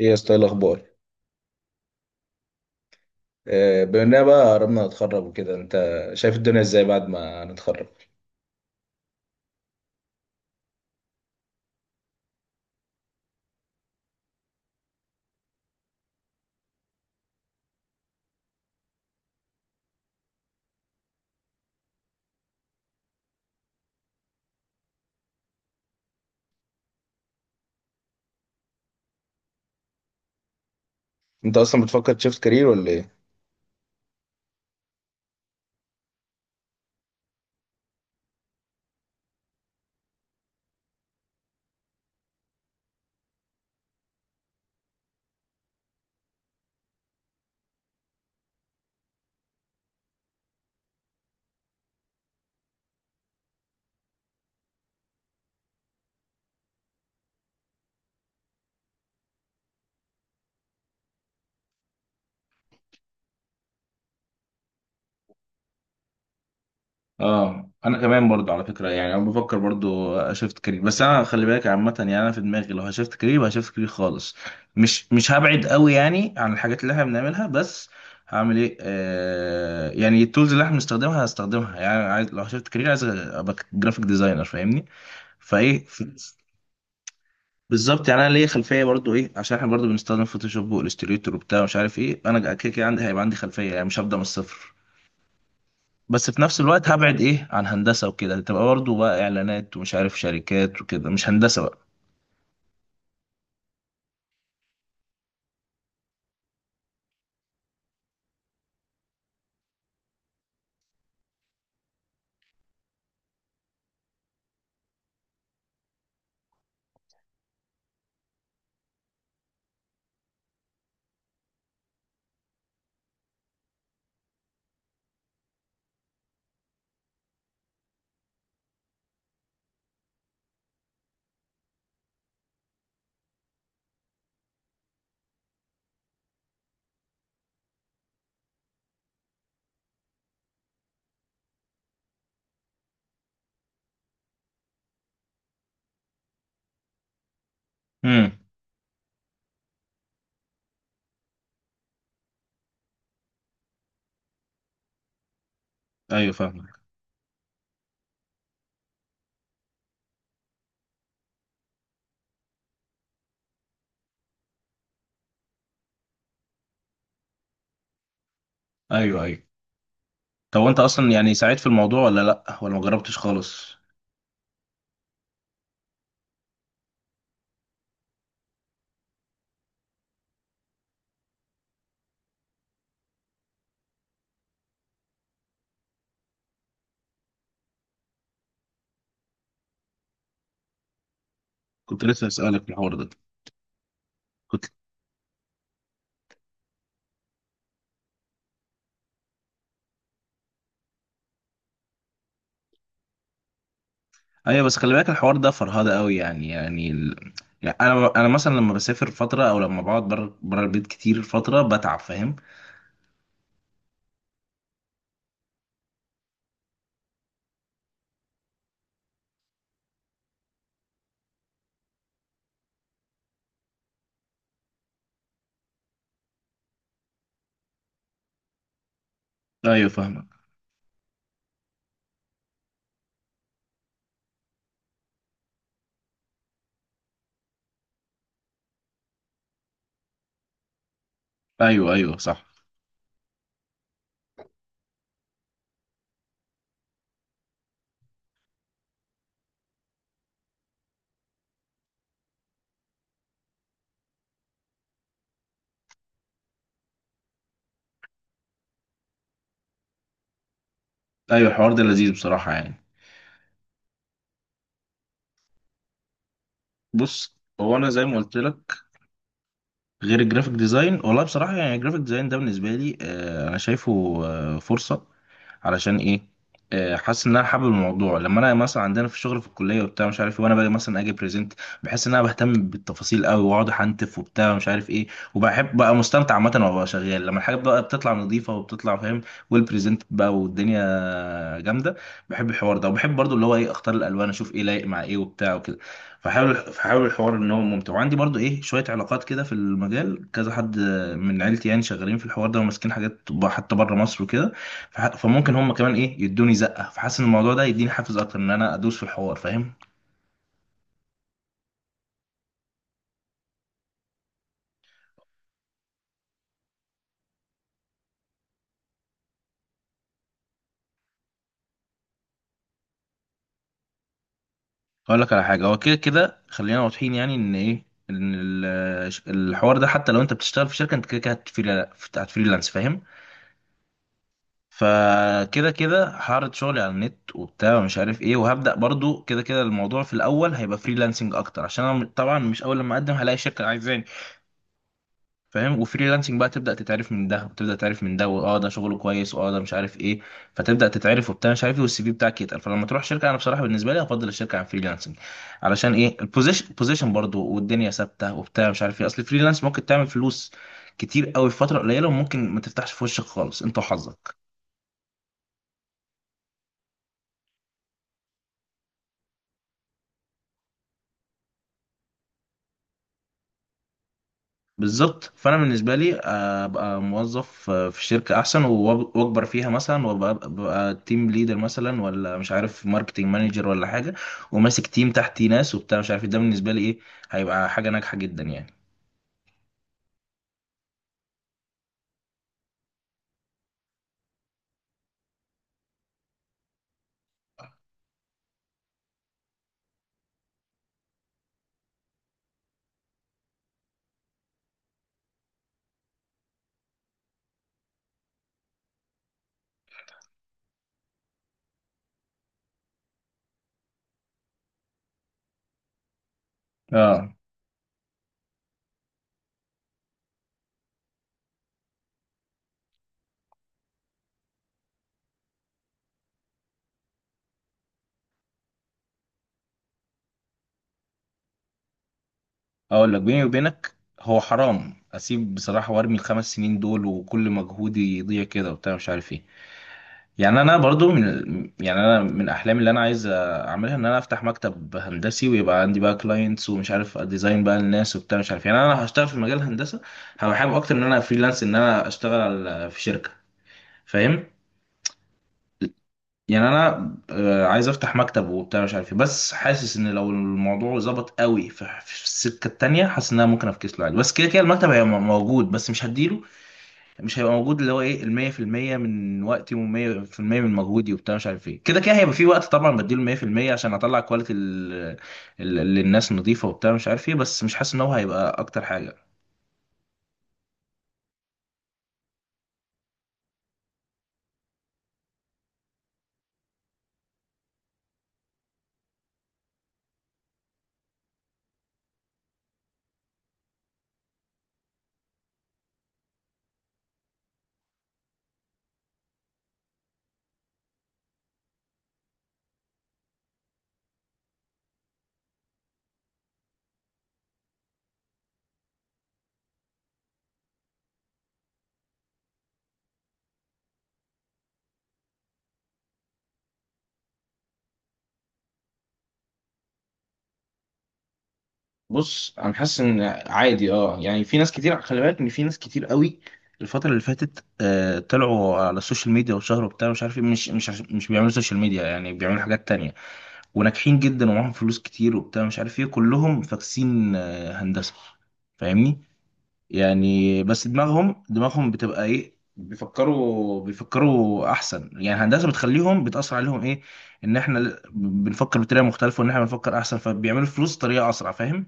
ايه يا اسطى، إيه الاخبار؟ بما اننا بقى قربنا نتخرج وكده، انت شايف الدنيا ازاي بعد ما نتخرج؟ انت اصلا بتفكر تشيفت كارير ولا ايه؟ اه، انا كمان برضو على فكره، يعني انا بفكر برضو اشفت كارير، بس انا خلي بالك عامه، يعني انا في دماغي لو هشفت كارير يبقى هشفت كارير خالص. مش هبعد قوي يعني عن الحاجات اللي احنا بنعملها، بس هعمل ايه؟ يعني التولز اللي احنا بنستخدمها هستخدمها، يعني عايز لو هشفت كارير عايز ابقى جرافيك ديزاينر، فاهمني؟ فايه. بالظبط، يعني انا ليا خلفيه برضو ايه، عشان احنا برضو بنستخدم فوتوشوب والستريتور وبتاع مش عارف ايه، انا كده كده عندي، هيبقى عندي خلفيه، يعني مش هبدا من الصفر. بس في نفس الوقت هبعد ايه عن هندسه وكده، تبقى برضو بقى اعلانات ومش عارف شركات وكده، مش هندسه بقى. امم. ايوه فاهمك. ايوه، ايوه. طب وانت اصلا يعني ساعدت في الموضوع ولا لا ولا ما جربتش خالص؟ كنت لسه اسالك في الحوار ده. كنت ايوه بس خلي بالك الحوار ده فرهده قوي، يعني. يعني انا مثلا لما بسافر فتره او لما بقعد بره بره البيت كتير فتره بتعب، فاهم؟ ايوه فاهمك. ايوه، ايوه، صح. ايوه الحوار ده لذيذ بصراحه يعني. بص، هو انا زي ما قلت لك، غير الجرافيك ديزاين. والله بصراحه يعني الجرافيك ديزاين ده بالنسبه لي انا شايفه فرصه. علشان ايه؟ حاسس ان انا حابب الموضوع، لما انا مثلا عندنا في الشغل في الكليه وبتاع مش عارف إيه، وانا باجي مثلا اجي بريزنت، بحس ان انا بهتم بالتفاصيل قوي واقعد احنتف وبتاع مش عارف ايه. وبحب بقى، مستمتع عامه وأنا شغال لما الحاجه بقى بتطلع نظيفه وبتطلع فاهم، والبريزنت بقى والدنيا جامده. بحب الحوار ده، وبحب برضو اللي هو ايه اختار الالوان، اشوف ايه لايق مع ايه وبتاع وكده. فحاول الحوار ان هو ممتع، وعندي برضو ايه شويه علاقات كده في المجال، كذا حد من عيلتي يعني شغالين في الحوار ده وماسكين حاجات حتى بره مصر وكده. فممكن هم كمان ايه يدوني زقه، فحاسس ان الموضوع ده يديني حافز اكتر ان انا ادوس في الحوار، فاهم؟ اقول لك على حاجه، هو كده كده خلينا واضحين، يعني ان ايه، ان الحوار ده حتى لو انت بتشتغل في شركه انت كده كده هتفريلانس، فاهم؟ فكده كده هعرض شغلي على النت وبتاع ومش عارف ايه، وهبدا برضو كده كده، الموضوع في الاول هيبقى فريلانسنج اكتر، عشان انا طبعا مش اول لما اقدم هلاقي شركه عايزاني، فاهم؟ وفريلانسنج بقى، تبدا تتعرف من ده وتبدا تعرف من ده، واه ده شغله كويس، واه ده مش عارف ايه، فتبدا تتعرف وبتاع مش عارف ايه، والسي في بتاعك يتقل، فلما تروح شركه. انا بصراحه بالنسبه لي، افضل الشركه عن فريلانسنج. علشان ايه؟ البوزيشن بوزيشن برضه، والدنيا ثابته وبتاع مش عارف ايه، اصل الفريلانس ممكن تعمل فلوس كتير قوي في فتره قليله، وممكن ما تفتحش في وشك خالص، انت وحظك. بالظبط، فانا بالنسبه لي ابقى موظف في شركه احسن، واكبر فيها مثلا، وابقى تيم ليدر مثلا، ولا مش عارف ماركتنج مانجر، ولا حاجه، وماسك تيم تحتي ناس وبتاع مش عارف إيه. ده بالنسبه لي ايه، هيبقى حاجه ناجحه جدا يعني. اه، اقول لك بيني وبينك، هو حرام اسيب بصراحه وارمي الخمس سنين دول وكل مجهودي يضيع كده وبتاع مش عارف ايه. يعني انا برضو من، يعني انا من احلامي اللي انا عايز اعملها ان انا افتح مكتب هندسي، ويبقى عندي بقى كلاينتس ومش عارف ديزاين بقى الناس وبتاع مش عارف، يعني انا هشتغل في مجال الهندسه، هبقى حابب اكتر ان انا فريلانس ان انا اشتغل في شركه، فاهم؟ يعني انا عايز افتح مكتب وبتاع مش عارف إيه. بس حاسس ان لو الموضوع ظبط قوي في السكه التانيه، حاسس ان انا ممكن افكس له عادي، بس كده كده المكتب هيبقى موجود، بس مش هديله، مش هيبقى موجود اللي هو ايه ال 100% من وقتي و100% من مجهودي وبتاع مش عارف ايه، كده كده هيبقى في وقت طبعا بديله 100% عشان اطلع كواليتي اللي الناس نظيفه وبتاع مش عارف ايه، بس مش حاسس ان هو هيبقى اكتر حاجه. بص انا حاسس ان عادي اه، يعني في ناس كتير خلي بالك، ان في ناس كتير قوي الفترة اللي فاتت طلعوا على السوشيال ميديا وشهروا بتاع مش عارف ايه، مش بيعملوا سوشيال ميديا يعني، بيعملوا حاجات تانية وناجحين جدا ومعاهم فلوس كتير وبتاع مش عارف ايه، كلهم فاكسين هندسة، فاهمني؟ يعني بس دماغهم بتبقى ايه، بيفكروا احسن، يعني الهندسه بتخليهم، بتاثر عليهم ايه، ان احنا بنفكر بطريقه مختلفه، وان احنا بنفكر احسن، فبيعملوا فلوس بطريقه اسرع، فاهم؟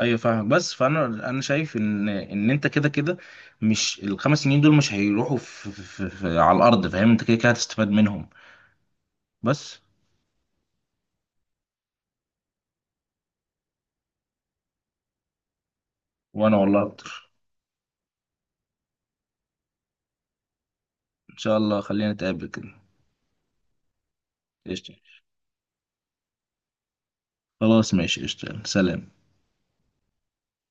ايوه فاهم، بس فانا شايف ان انت كده كده مش الخمس سنين دول مش هيروحوا في في في في على الارض، فاهم؟ انت كده كده هتستفاد منهم بس. وانا والله اكتر. ان شاء الله خلينا نتقابل كده. قشطة. خلاص ماشي، قشطة، سلام.